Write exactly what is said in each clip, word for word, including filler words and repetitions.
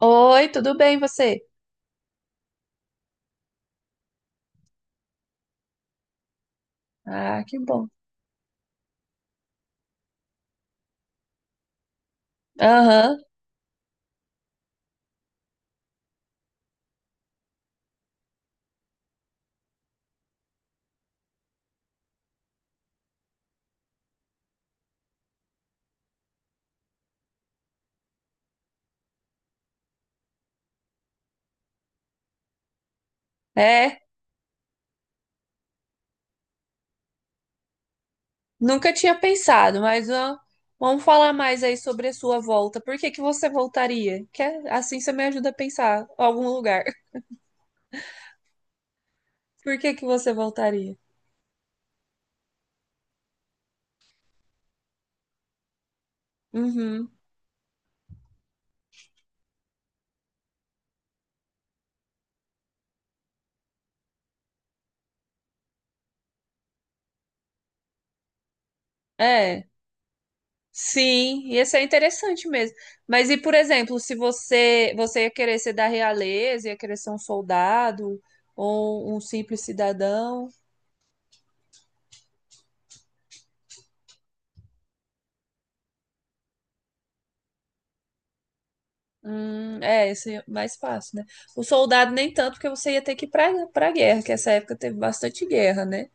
Oi, tudo bem você? Ah, que bom. Aham, é. Nunca tinha pensado, mas ó, vamos falar mais aí sobre a sua volta. Por que que você voltaria? Que é- assim você me ajuda a pensar algum lugar. Por que que você voltaria? Uhum. É. Sim, ia ser interessante mesmo. Mas e, por exemplo, se você você ia querer ser da realeza, ia querer ser um soldado ou um simples cidadão? Hum, é, esse é mais fácil, né? O soldado nem tanto, porque você ia ter que ir pra, pra guerra, que essa época teve bastante guerra, né?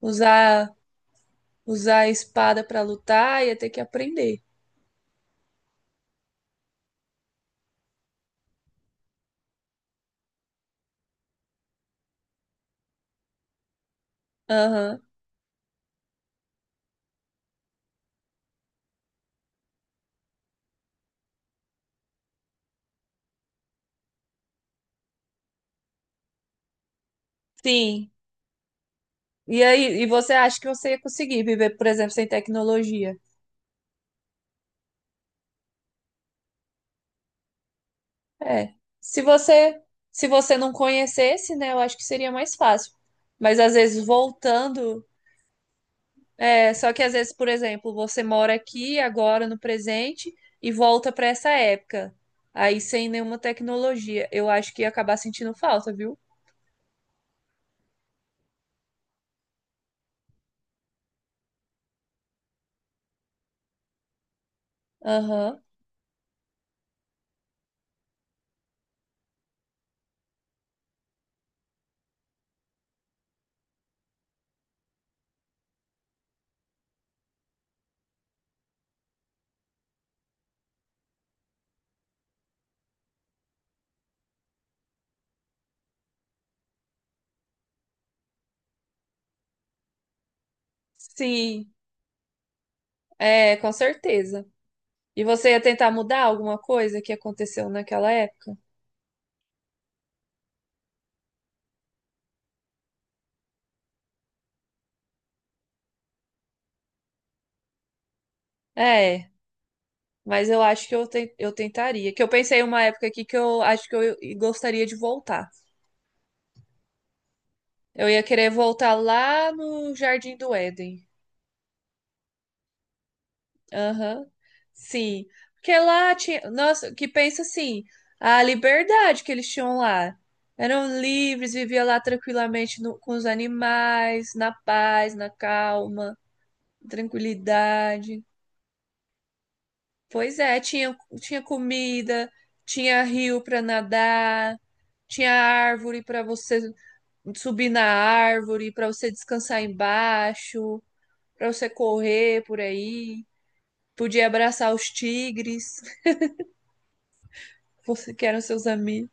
Usar, usar a espada pra lutar, ia ter que aprender. Aham. Sim. E aí, e você acha que você ia conseguir viver, por exemplo, sem tecnologia? É. Se você, se você não conhecesse, né, eu acho que seria mais fácil. Mas às vezes voltando. É, só que às vezes, por exemplo, você mora aqui agora no presente e volta para essa época. Aí sem nenhuma tecnologia. Eu acho que ia acabar sentindo falta, viu? Aham. Sim, é, com certeza. E você ia tentar mudar alguma coisa que aconteceu naquela época? É, mas eu acho que eu, ten- eu tentaria. Que eu pensei em uma época aqui que eu acho que eu gostaria de voltar. Eu ia querer voltar lá no Jardim do Éden. Aham, sim. Porque lá tinha. Nossa, que pensa assim, a liberdade que eles tinham lá. Eram livres, viviam lá tranquilamente no- com os animais, na paz, na calma, tranquilidade. Pois é, tinha, tinha comida, tinha rio para nadar, tinha árvore para você subir na árvore, para você descansar embaixo, para você correr por aí. Podia abraçar os tigres. Você que eram seus amigos.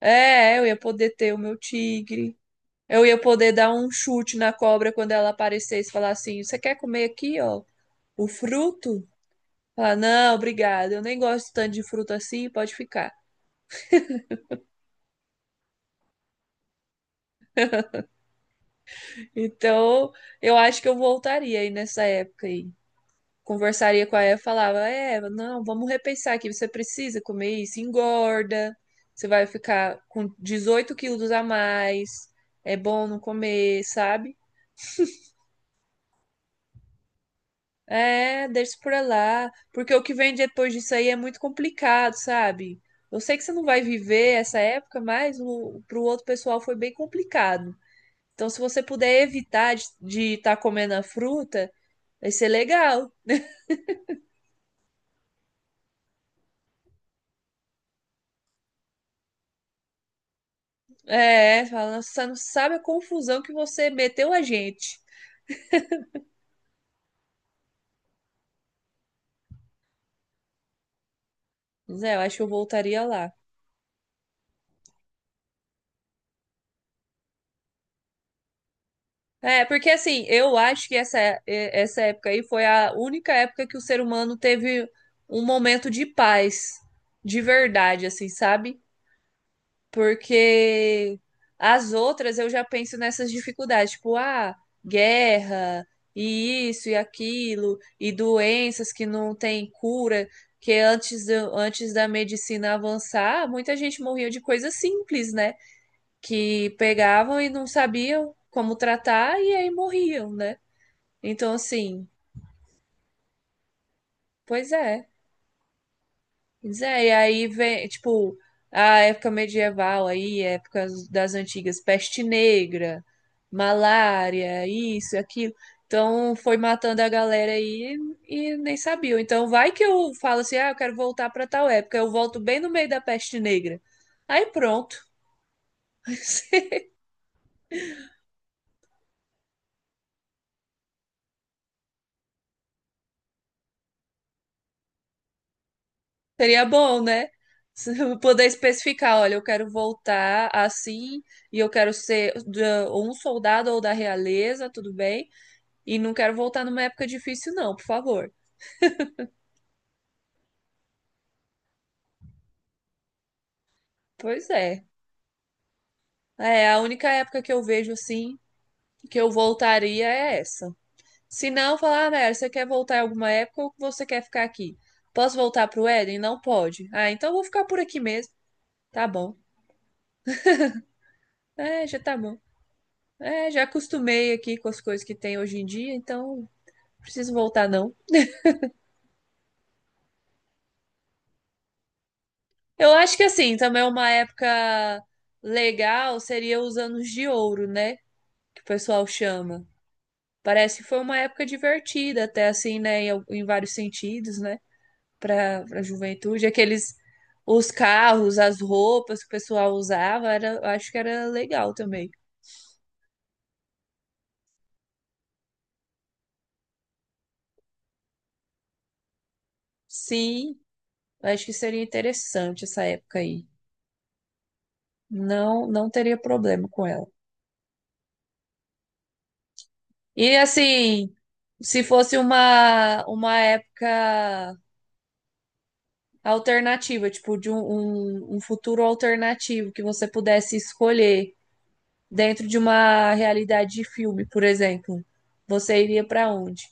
É, eu ia poder ter o meu tigre. Eu ia poder dar um chute na cobra quando ela aparecesse e falar assim: "Você quer comer aqui, ó, o fruto?" Falar: "Não, obrigada, eu nem gosto tanto de fruto assim, pode ficar." Então, eu acho que eu voltaria aí nessa época aí. Conversaria com a Eva, falava: "Eva, não, vamos repensar aqui, você precisa comer isso, engorda, você vai ficar com dezoito quilos a mais, é bom não comer, sabe?" É, deixa por lá, porque o que vem depois disso aí é muito complicado, sabe? Eu sei que você não vai viver essa época, mas o, pro outro pessoal foi bem complicado. Então, se você puder evitar de estar comendo a fruta, vai ser legal. É, fala, você não sabe a confusão que você meteu a gente. Mas é, eu acho que eu voltaria lá. É, porque assim, eu acho que essa, é- essa época aí foi a única época que o ser humano teve um momento de paz, de verdade, assim, sabe? Porque as outras eu já penso nessas dificuldades, tipo, ah, guerra, e isso e aquilo, e doenças que não têm cura, que antes, do- antes da medicina avançar, muita gente morria de coisas simples, né? Que pegavam e não sabiam como tratar e aí morriam, né? Então, assim, pois é. Pois é, e aí vem, tipo, a época medieval aí, épocas das antigas, peste negra, malária, isso, aquilo. Então, foi matando a galera aí e nem sabia. Então, vai que eu falo assim: "Ah, eu quero voltar pra tal época." Eu volto bem no meio da peste negra. Aí, pronto. Seria bom, né? Se eu poder especificar, olha, eu quero voltar assim e eu quero ser da- ou um soldado ou da realeza, tudo bem? E não quero voltar numa época difícil, não, por favor. Pois é. É, a única época que eu vejo assim que eu voltaria é essa. Se não, falar: "Ah, Nayara, você quer voltar em alguma época ou você quer ficar aqui? Posso voltar pro Éden? Não pode. Ah, então eu vou ficar por aqui mesmo." Tá bom. É, já tá bom. É, já acostumei aqui com as coisas que tem hoje em dia, então preciso voltar, não. Eu acho que assim, também uma época legal seria os anos de ouro, né? Que o pessoal chama. Parece que foi uma época divertida, até assim, né? Em, al- em vários sentidos, né? Para a juventude. Aqueles, os carros, as roupas que o pessoal usava, era, eu acho que era legal também. Sim, eu acho que seria interessante essa época aí. Não, não teria problema com ela. E assim, se fosse uma, uma época alternativa, tipo, de um, um, um futuro alternativo que você pudesse escolher dentro de uma realidade de filme, por exemplo, você iria pra onde?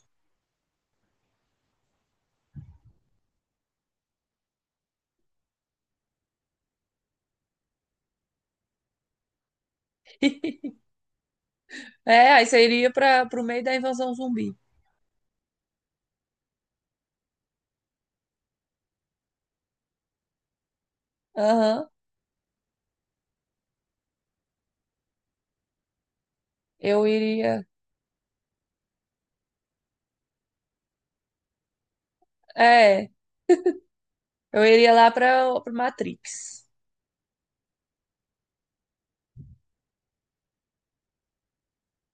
É, aí você iria para pro meio da invasão zumbi. Aham. Eu iria. É, eu iria lá pra, pra Matrix.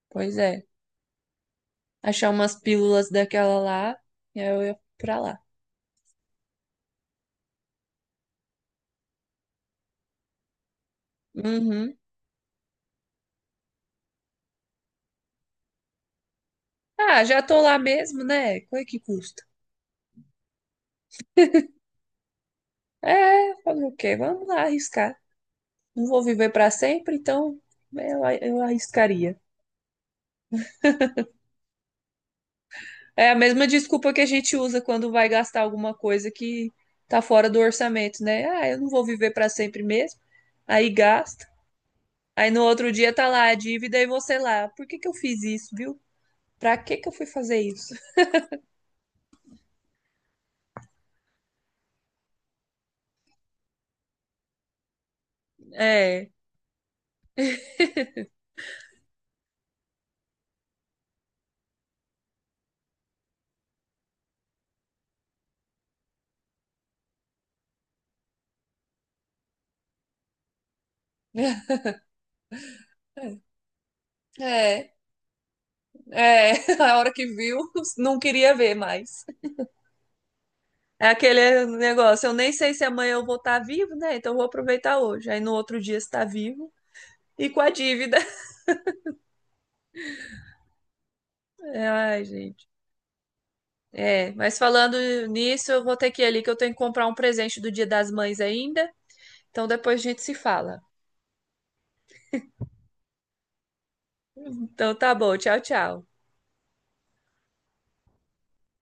Pois é. Achar umas pílulas daquela lá, e aí eu ia pra lá. Uhum. Ah, já tô lá mesmo, né? Qual é que custa? É, fazer o quê? Vamos lá arriscar. Não vou viver para sempre, então é, eu, eu arriscaria. É a mesma desculpa que a gente usa quando vai gastar alguma coisa que tá fora do orçamento, né? Ah, eu não vou viver para sempre mesmo. Aí gasta. Aí no outro dia tá lá a dívida e você lá. Por que que eu fiz isso, viu? Pra que que eu fui fazer isso? É. É, é, a hora que viu, não queria ver mais. É aquele negócio, eu nem sei se amanhã eu vou estar vivo, né? Então eu vou aproveitar hoje. Aí no outro dia está vivo, e com a dívida. É, ai, gente. É, mas falando nisso, eu vou ter que ir ali que eu tenho que comprar um presente do Dia das Mães ainda. Então depois a gente se fala. Então tá bom, tchau, tchau.